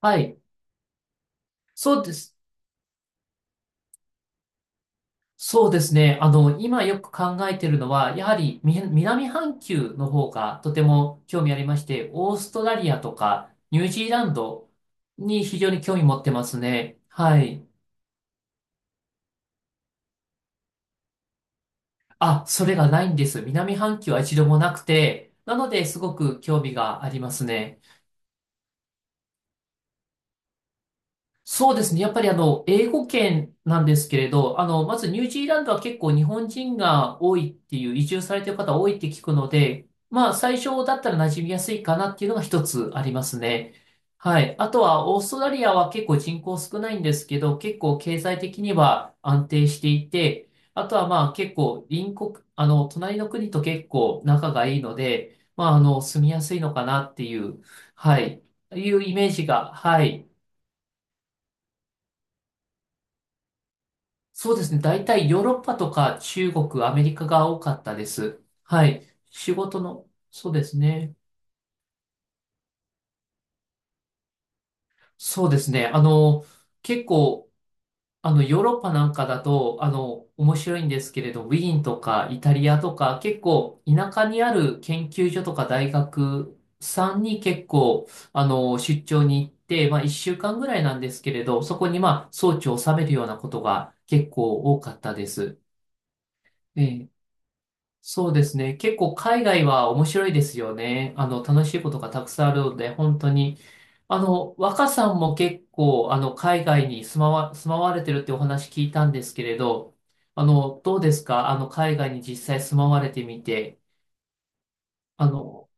はい。そうです。そうですね。今よく考えてるのは、やはり南半球の方がとても興味ありまして、オーストラリアとかニュージーランドに非常に興味持ってますね。はい。あ、それがないんです。南半球は一度もなくて、なのですごく興味がありますね。そうですね。やっぱり英語圏なんですけれど、まずニュージーランドは結構日本人が多いっていう、移住されてる方多いって聞くので、まあ、最初だったら馴染みやすいかなっていうのが一つありますね。はい。あとは、オーストラリアは結構人口少ないんですけど、結構経済的には安定していて、あとはまあ結構隣国、隣の国と結構仲がいいので、まあ、住みやすいのかなっていう、はい、いうイメージが、はい。そうですね。大体ヨーロッパとか中国、アメリカが多かったです。はい。仕事の、そうですね。そうですね。結構、ヨーロッパなんかだと、面白いんですけれど、ウィーンとかイタリアとか、結構、田舎にある研究所とか大学さんに結構、出張に行って、まあ、1週間ぐらいなんですけれど、そこに、まあ、装置を収めるようなことが結構多かったです。ええ、そうですね。結構海外は面白いですよね。楽しいことがたくさんあるので、本当に。若さんも結構、海外に住まわれてるってお話聞いたんですけれど、どうですか？海外に実際住まわれてみて、あの、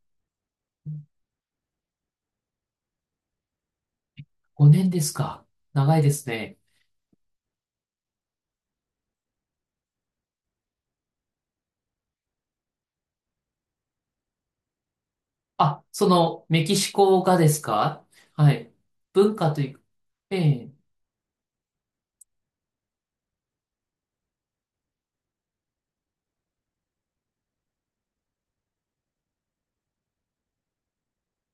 5年ですか？長いですね。あ、その、メキシコがですか？はい。文化という、ええ、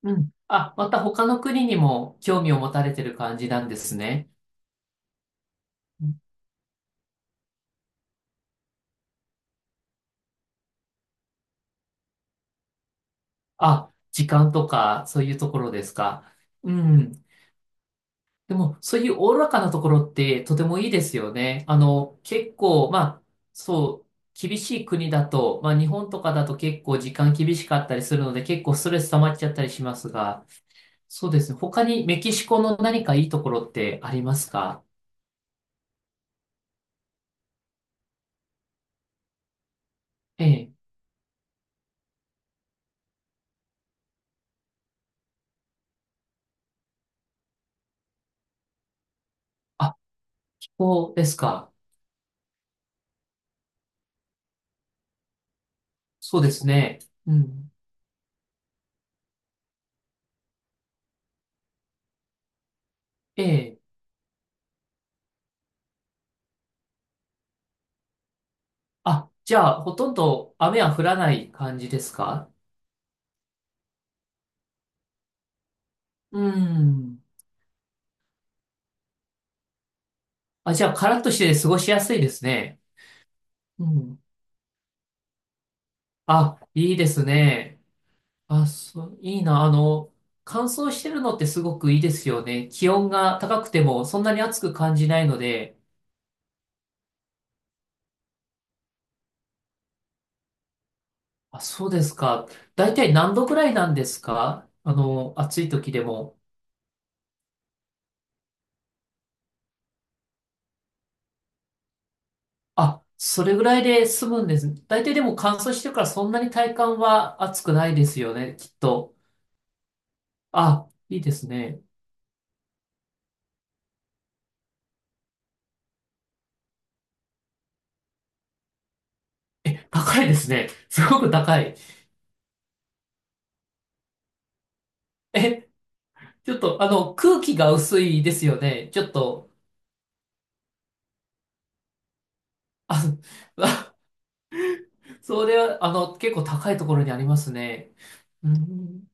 うん。あ、また他の国にも興味を持たれてる感じなんですね。あ、時間とか、そういうところですか。うん。でも、そういうおおらかなところって、とてもいいですよね。結構、まあ、そう、厳しい国だと、まあ、日本とかだと結構時間厳しかったりするので、結構ストレス溜まっちゃったりしますが、そうですね。他にメキシコの何かいいところってありますか？ええ。あ、気候ですか。そうですね。うん。ええ。あ、じゃあ、ほとんど雨は降らない感じですか？うん。あ、じゃあ、カラッとして過ごしやすいですね。うん。あ、いいですね。あ、そう、いいな。乾燥してるのってすごくいいですよね。気温が高くてもそんなに暑く感じないので。あ、そうですか。だいたい何度くらいなんですか？暑い時でも。あ、それぐらいで済むんです。だいたいでも乾燥してるからそんなに体感は暑くないですよね、きっと。あ、いいですね。え、高いですね。すごく高い。え、ちょっと、空気が薄いですよね。ちょっと、あ、あ、それは、結構高いところにありますね。うん。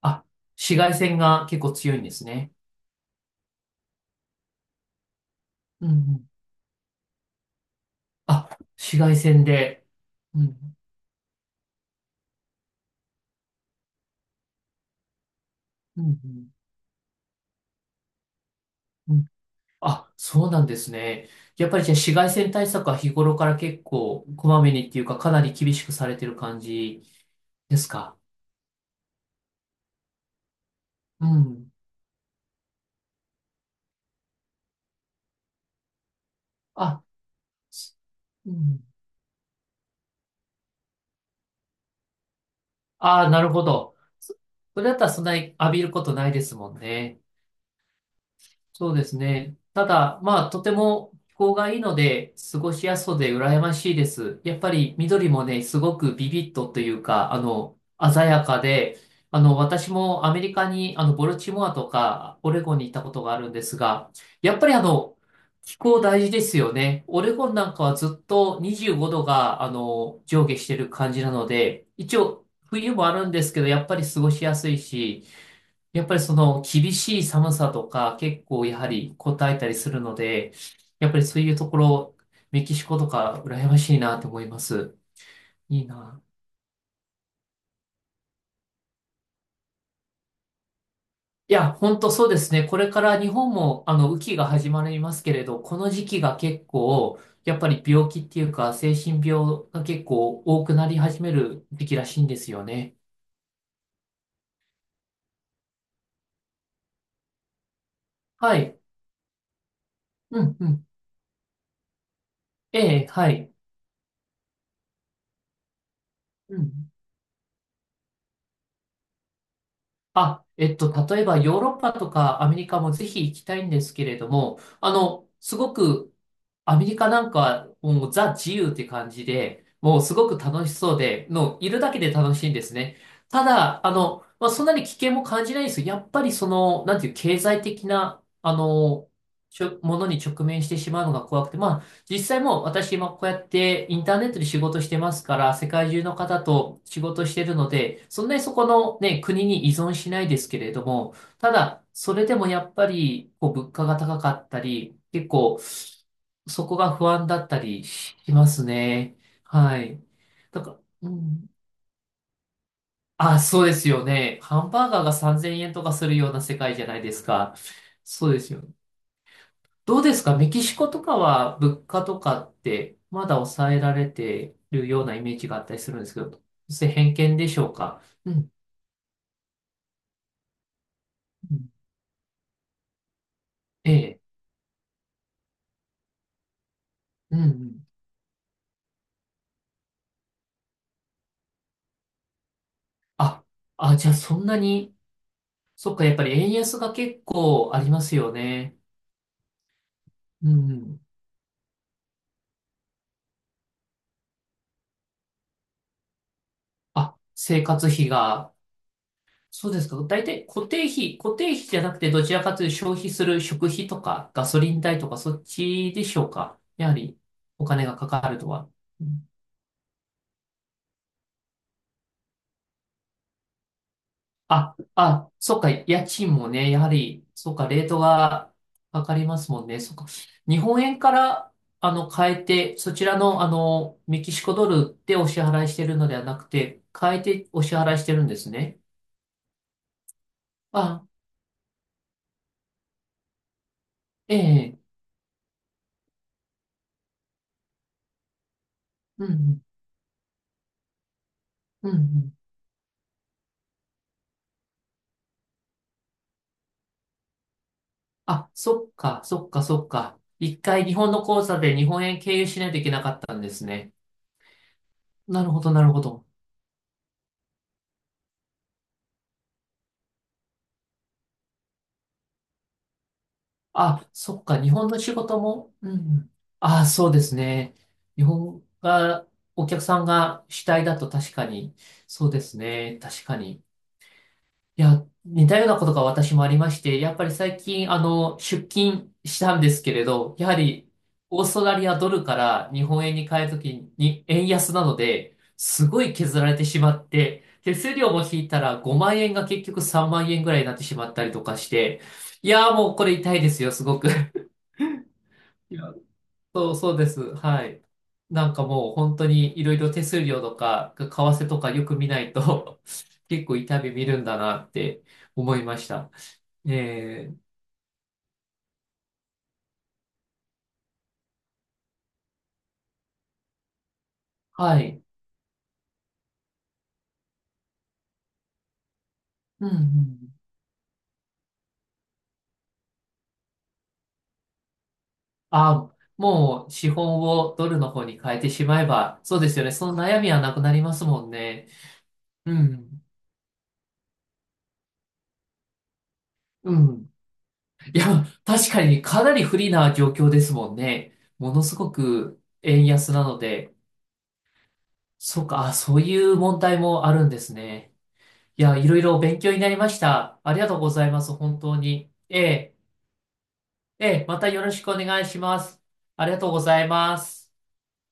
あ、紫外線が結構強いんですね。うんうん。あ、紫外線で。うん。うんうんうん。あ、そうなんですね。やっぱりじゃあ紫外線対策は日頃から結構こまめにっていうかかなり厳しくされてる感じですか。うん。あ、うん。ああ、なるほど。そそれだったらそんなに浴びることないですもんね。そうですね。ただ、まあ、とても気候がいいので、過ごしやすそうで羨ましいです。やっぱり緑もね、すごくビビッとというか、鮮やかで、私もアメリカに、ボルチモアとか、オレゴンに行ったことがあるんですが、やっぱり気候大事ですよね。オレゴンなんかはずっと25度が、上下してる感じなので、一応、冬もあるんですけど、やっぱり過ごしやすいし、やっぱりその厳しい寒さとか結構やはりこたえたりするので、やっぱりそういうところ、メキシコとか羨ましいなと思います。いいな。いや、本当そうですね。これから日本もあの雨季が始まりますけれど、この時期が結構、やっぱり病気っていうか精神病が結構多くなり始める時期らしいんですよね。はい。うんうん。ええ、はい。うん。あ、例えばヨーロッパとかアメリカもぜひ行きたいんですけれども、すごくアメリカなんかはもうザ自由って感じで、もうすごく楽しそうで、のいるだけで楽しいんですね。ただ、まあ、そんなに危険も感じないんですよ。やっぱりその、なんていう経済的な、ちょものに直面してしまうのが怖くて、まあ、実際もう私今こうやってインターネットで仕事してますから、世界中の方と仕事してるので、そんなにそこのね、国に依存しないですけれども、ただ、それでもやっぱり、こう、物価が高かったり、結構、そこが不安だったりしますね。はい。だから、うん。あ、そうですよね。ハンバーガーが3000円とかするような世界じゃないですか。そうですよ。どうですか？メキシコとかは物価とかってまだ抑えられてるようなイメージがあったりするんですけど、それ偏見でしょうか？うん。うん、ええ。うんうん。あ、あ、じゃあそんなに、そっか、やっぱり円安が結構ありますよね。うんうん。あ、生活費が。そうですか。大体固定費、固定費じゃなくて、どちらかというと消費する食費とかガソリン代とかそっちでしょうか。やはりお金がかかるとは。うん。あ、あ、そっか、家賃もね、やはり、そっか、レートがかかりますもんね。そっか。日本円から、変えて、そちらの、メキシコドルでお支払いしてるのではなくて、変えてお支払いしてるんですね。あ、ええ、うん、うん、うん。あ、そっか、そっか、そっか。一回日本の口座で日本円経由しないといけなかったんですね。なるほど、なるほど。あ、そっか、日本の仕事も、うん。あ、そうですね。日本が、お客さんが主体だと確かに、そうですね。確かに。いや、似たようなことが私もありまして、やっぱり最近、出勤したんですけれど、やはり、オーストラリアドルから日本円に変えるときに、円安なので、すごい削られてしまって、手数料も引いたら5万円が結局3万円ぐらいになってしまったりとかして、いやーもうこれ痛いですよ、すごく。いや、そうです。はい。なんかもう本当にいろいろ手数料とか、為替とかよく見ないと 結構痛み見るんだなって思いました。えー、はい。うんうん。あ、もう資本をドルの方に変えてしまえば、そうですよね。その悩みはなくなりますもんね。うん。うん。いや、確かにねかなり不利な状況ですもんね。ものすごく円安なので、そうか、あ、そういう問題もあるんですね。いや、いろいろ勉強になりました。ありがとうございます、本当に。ええ、ええ、またよろしくお願いします。ありがとうございます。